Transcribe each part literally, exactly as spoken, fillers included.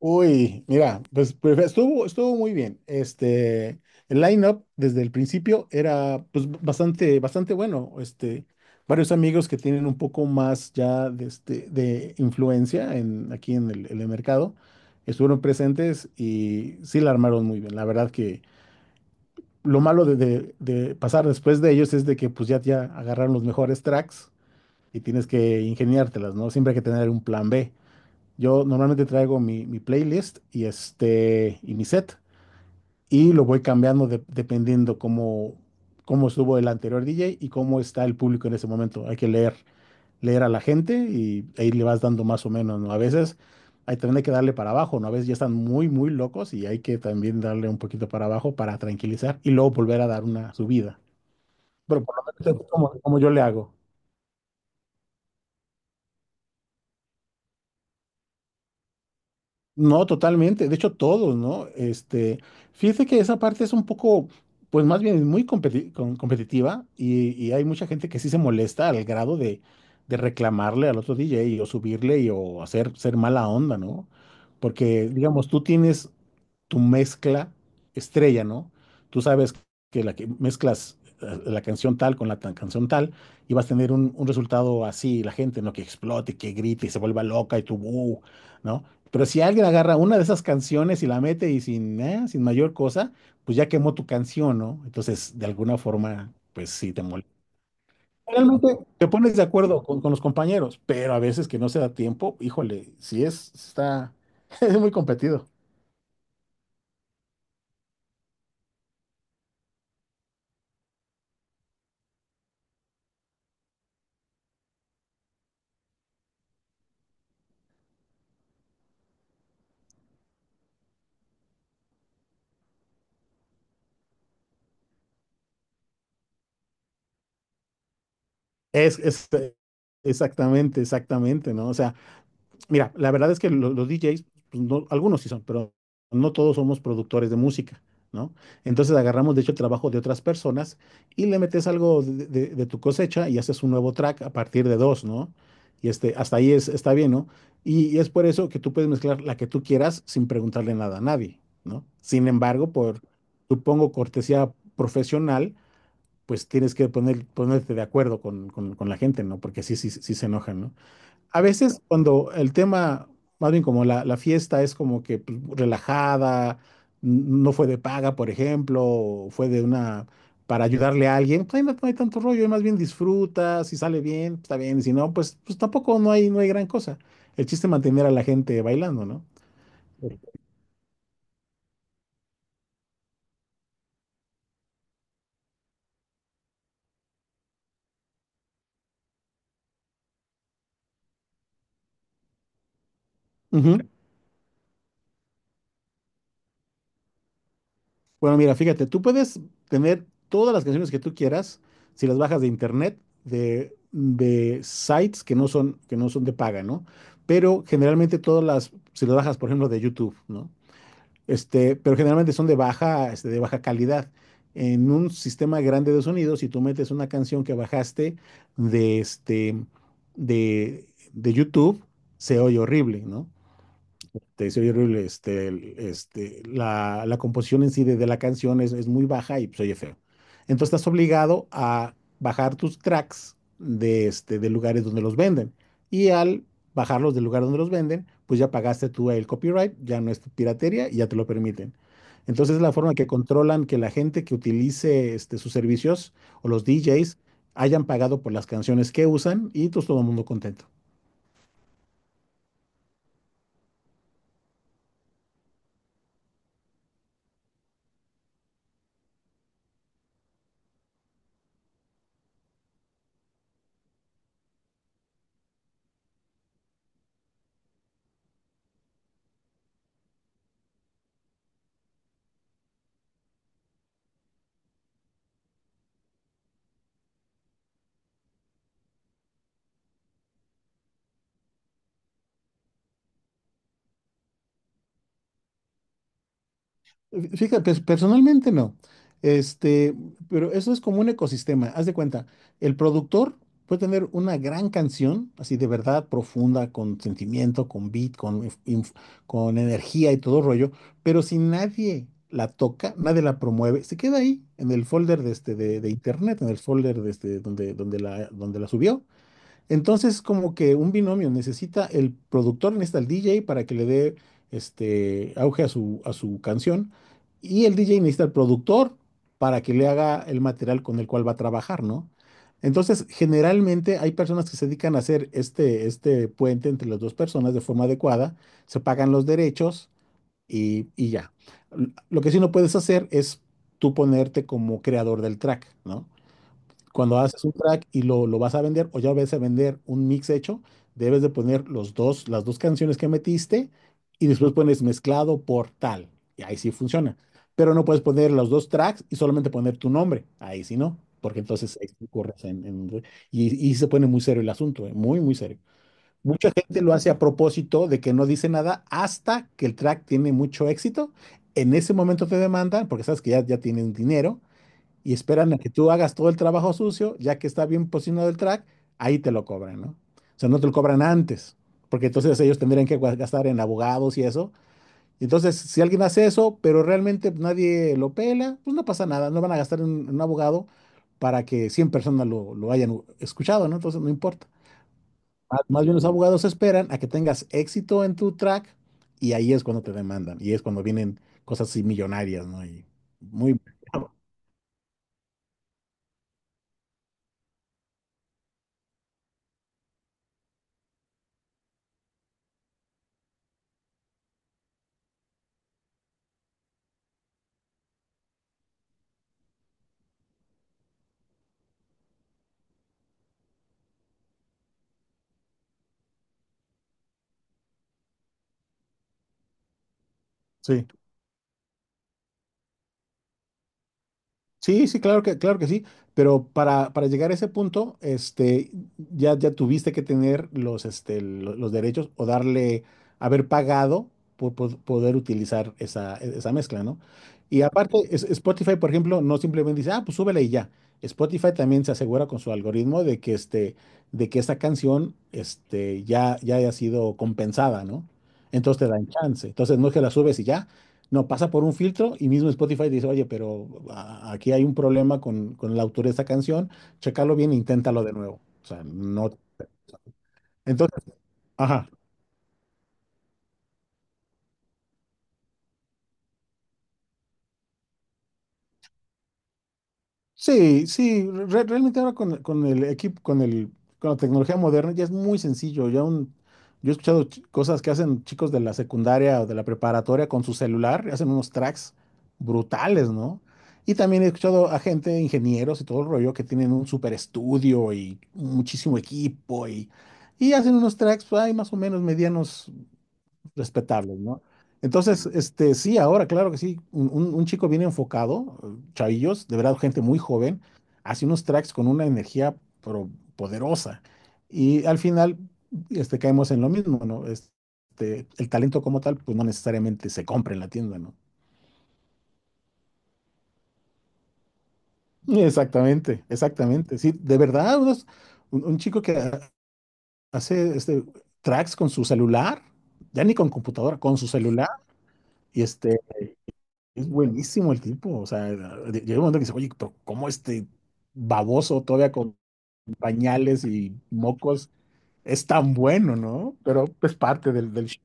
Uy, mira, pues, pues, estuvo, estuvo muy bien. Este, el line-up desde el principio era pues bastante, bastante bueno. Este, varios amigos que tienen un poco más ya de, este, de influencia en, aquí en el, en el mercado estuvieron presentes y sí la armaron muy bien. La verdad que lo malo de, de- de pasar después de ellos es de que pues ya, ya agarraron los mejores tracks y tienes que ingeniártelas, ¿no? Siempre hay que tener un plan B. Yo normalmente traigo mi, mi playlist y este y mi set y lo voy cambiando de- dependiendo cómo, cómo estuvo el anterior D J y cómo está el público en ese momento. Hay que leer, leer a la gente y ahí le vas dando más o menos, ¿no? A veces hay también hay que darle para abajo, ¿no? A veces ya están muy, muy locos y hay que también darle un poquito para abajo para tranquilizar y luego volver a dar una subida. Pero por lo menos es como, como yo le hago. No, totalmente. De hecho, todos, ¿no? Este, fíjese que esa parte es un poco, pues más bien es muy competi- com- competitiva y, y hay mucha gente que sí se molesta al grado de, de reclamarle al otro D J o subirle y, o hacer ser mala onda, ¿no? Porque, digamos, tú tienes tu mezcla estrella, ¿no? Tú sabes que la que mezclas eh, la canción tal con la tan- canción tal y vas a tener un, un resultado así, la gente, ¿no? Que explote, que grite y se vuelva loca y tu "Bú", ¿no? Pero si alguien agarra una de esas canciones y la mete y sin, eh, sin mayor cosa, pues ya quemó tu canción, ¿no? Entonces, de alguna forma, pues sí te molesta. Realmente te pones de acuerdo con, con los compañeros, pero a veces que no se da tiempo, híjole, sí es, está, es muy competido. Es, es- eh, exactamente, exactamente, ¿no? O sea, mira, la verdad es que lo- los, D Js, pues, no- algunos sí son, pero no todos somos productores de música, ¿no? Entonces agarramos, de hecho, el trabajo de otras personas y le metes algo de, de- de tu cosecha y haces un nuevo track a partir de dos, ¿no? Y este, hasta ahí es, está bien, ¿no? Y, y es por eso que tú puedes mezclar la que tú quieras sin preguntarle nada a nadie, ¿no? Sin embargo, por, supongo, cortesía profesional pues tienes que poner, ponerte de acuerdo con, con, con la gente, ¿no? Porque sí, sí, sí se enojan, ¿no? A veces cuando el tema, más bien como la, la fiesta es como que pues, relajada, n- no fue de paga, por ejemplo, o fue de una, para ayudarle a alguien, pues ahí no, no hay tanto rollo, ahí más bien disfruta, si sale bien, pues, está bien, y si no, pues, pues tampoco no hay, no hay gran cosa. El chiste es mantener a la gente bailando, ¿no? Sí. Uh -huh. Bueno, mira, fíjate, tú puedes tener todas las canciones que tú quieras si las bajas de internet, de, de sites que no son, que no son de paga, ¿no? Pero generalmente todas las, si las bajas, por ejemplo, de YouTube, ¿no? Este, pero generalmente son de baja, este, de baja calidad. En un sistema grande de sonido, si tú metes una canción que bajaste de este, de, de YouTube, se oye horrible, ¿no? de se oye horrible, este, el- este, la, la composición en sí de, de la canción es, es muy baja y pues oye feo. Entonces estás obligado a bajar tus tracks de, este, de lugares donde los venden. Y al bajarlos del lugar donde los venden, pues ya pagaste tú el copyright, ya no es tu piratería y ya te lo permiten. Entonces la forma que controlan que la gente que utilice este, sus servicios o los D Js hayan pagado por las canciones que usan y pues todo el mundo contento. Eh, Fíjate, pues, personalmente no. Este, pero eso es como un ecosistema. Haz de cuenta, el productor puede tener una gran canción, así de verdad profunda, con sentimiento, con beat, con, inf- inf- con energía y todo rollo, pero si nadie la toca, nadie la promueve, se queda ahí en el folder de, este, de, de internet, en el folder de este, donde, donde la, donde la subió. Entonces, como que un binomio necesita el productor, necesita el D J para que le dé este auge a su, a su canción, y el D J necesita el productor para que le haga el material con el cual va a trabajar, ¿no? Entonces, generalmente hay personas que se dedican a hacer este, este puente entre las dos personas de forma adecuada, se pagan los derechos y, y ya. L- Lo que sí no puedes hacer es tú ponerte como creador del track, ¿no? Cuando haces un track y lo, lo vas a vender o ya vas a vender un mix hecho, debes de poner los dos, las dos canciones que metiste y después pones mezclado por tal. Y ahí sí funciona. Pero no puedes poner los dos tracks y solamente poner tu nombre. Ahí sí no, porque entonces ahí sí corres en, en- y, y se pone muy serio el asunto, eh, muy, muy serio. Mucha gente lo hace a propósito de que no dice nada hasta que el track tiene mucho éxito. En ese momento te demandan, porque sabes que ya, ya tienen dinero, y esperan a que tú hagas todo el trabajo sucio, ya que está bien posicionado el track, ahí te lo cobran, ¿no? O sea, no te lo cobran antes, porque entonces ellos tendrían que gua- gastar en abogados y eso. Entonces, si alguien hace eso, pero realmente nadie lo pela, pues no pasa nada, no van a gastar en, en un abogado para que cien personas lo, lo hayan escuchado, ¿no? Entonces, no importa. Más, más bien los abogados esperan a que tengas éxito en tu track y ahí es cuando te demandan y es cuando vienen cosas así millonarias, ¿no? Y muy... Sí. Sí, sí, claro que, claro que sí, pero para, para llegar a ese punto, este, ya, ya tuviste que tener los, este, lo- los, derechos o darle, haber pagado por, po- poder utilizar esa, e-, esa mezcla, ¿no? Y aparte, es- Spotify, por ejemplo, no simplemente dice, ah, pues súbele y ya. Spotify también se asegura con su algoritmo de que, este, de que esa canción, este, ya, ya haya sido compensada, ¿no? Entonces te dan chance. Entonces no es que la subes y ya. No, pasa por un filtro y mismo Spotify dice, oye, pero a- aquí hay un problema con, con el autor de esta canción, chécalo bien, e inténtalo de nuevo. O sea, no. Entonces, ajá. Sí, sí, re- realmente ahora con, con el equipo, con el, con la tecnología moderna ya es muy sencillo. Ya un, yo he escuchado ch- cosas que hacen chicos de la secundaria o de la preparatoria con su celular, hacen unos tracks brutales, ¿no? Y también he escuchado a gente, ingenieros y todo el rollo, que tienen un super estudio y muchísimo equipo y, y hacen unos tracks, hay más o menos medianos respetables, ¿no? Entonces, este, sí, ahora, claro que sí, un, un- un chico bien enfocado, eh, chavillos, de verdad, gente muy joven, hace unos tracks con una energía pero poderosa. Y al final, este, caemos en lo mismo, ¿no? Este, el talento como tal, pues no necesariamente se compra en la tienda, ¿no? Exactamente, exactamente. Sí, de verdad, unos- un, un chico que ha- hace este, tracks con su celular, ya ni con computadora, con su celular. Y este, es buenísimo el tipo, o sea, de- llega un momento que dice, oye, pero ¿cómo este baboso todavía con pañales y mocos es tan bueno, ¿no? Pero es parte del, del... show.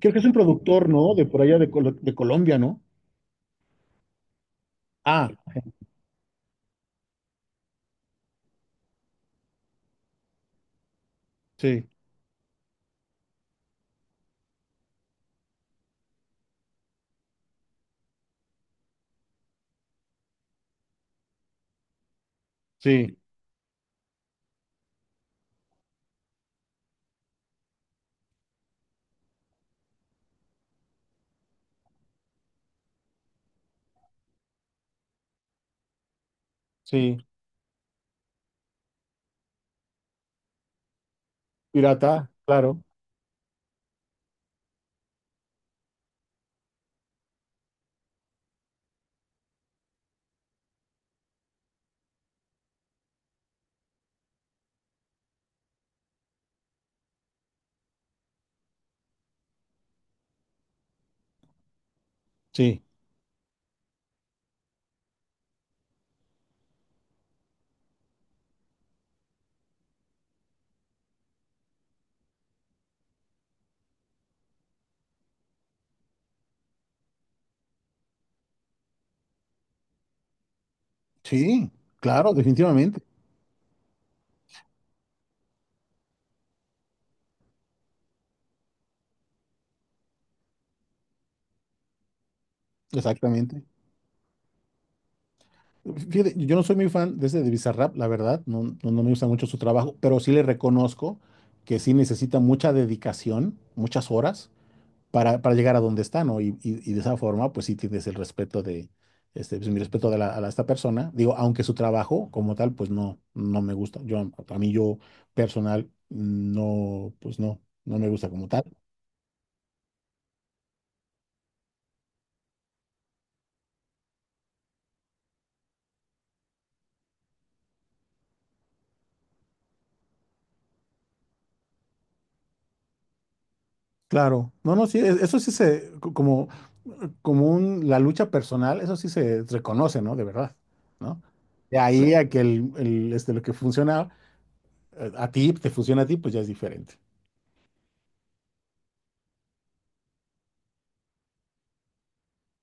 Creo que es un productor, ¿no? De por allá de, Colo- de Colombia, ¿no? Ah, sí, sí, sí, pirata, claro. Sí. Sí, claro, definitivamente, exactamente. Fíjate, yo no soy muy fan de ese de Bizarrap, la verdad, no, no, no me gusta mucho su trabajo, pero sí le reconozco que sí necesita mucha dedicación, muchas horas para, para llegar a donde está, ¿no? Y, y- y de esa forma, pues sí tienes el respeto de, este, pues, mi respeto de la- a la- esta persona. Digo, aunque su trabajo como tal, pues no, no me gusta. Yo, a mí yo personal, no, pues no, no me gusta como tal. Claro, no, no, sí, e- eso sí se, co- como, como un, la lucha personal, eso sí se reconoce, ¿no? De verdad, ¿no? De Sí. ahí Sí. a que el, el, este, lo que funciona eh, a ti, te funciona a ti, pues ya es diferente.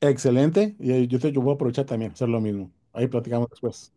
Excelente. Y eh, yo, te, yo voy a aprovechar también, hacer lo mismo. Ahí platicamos después.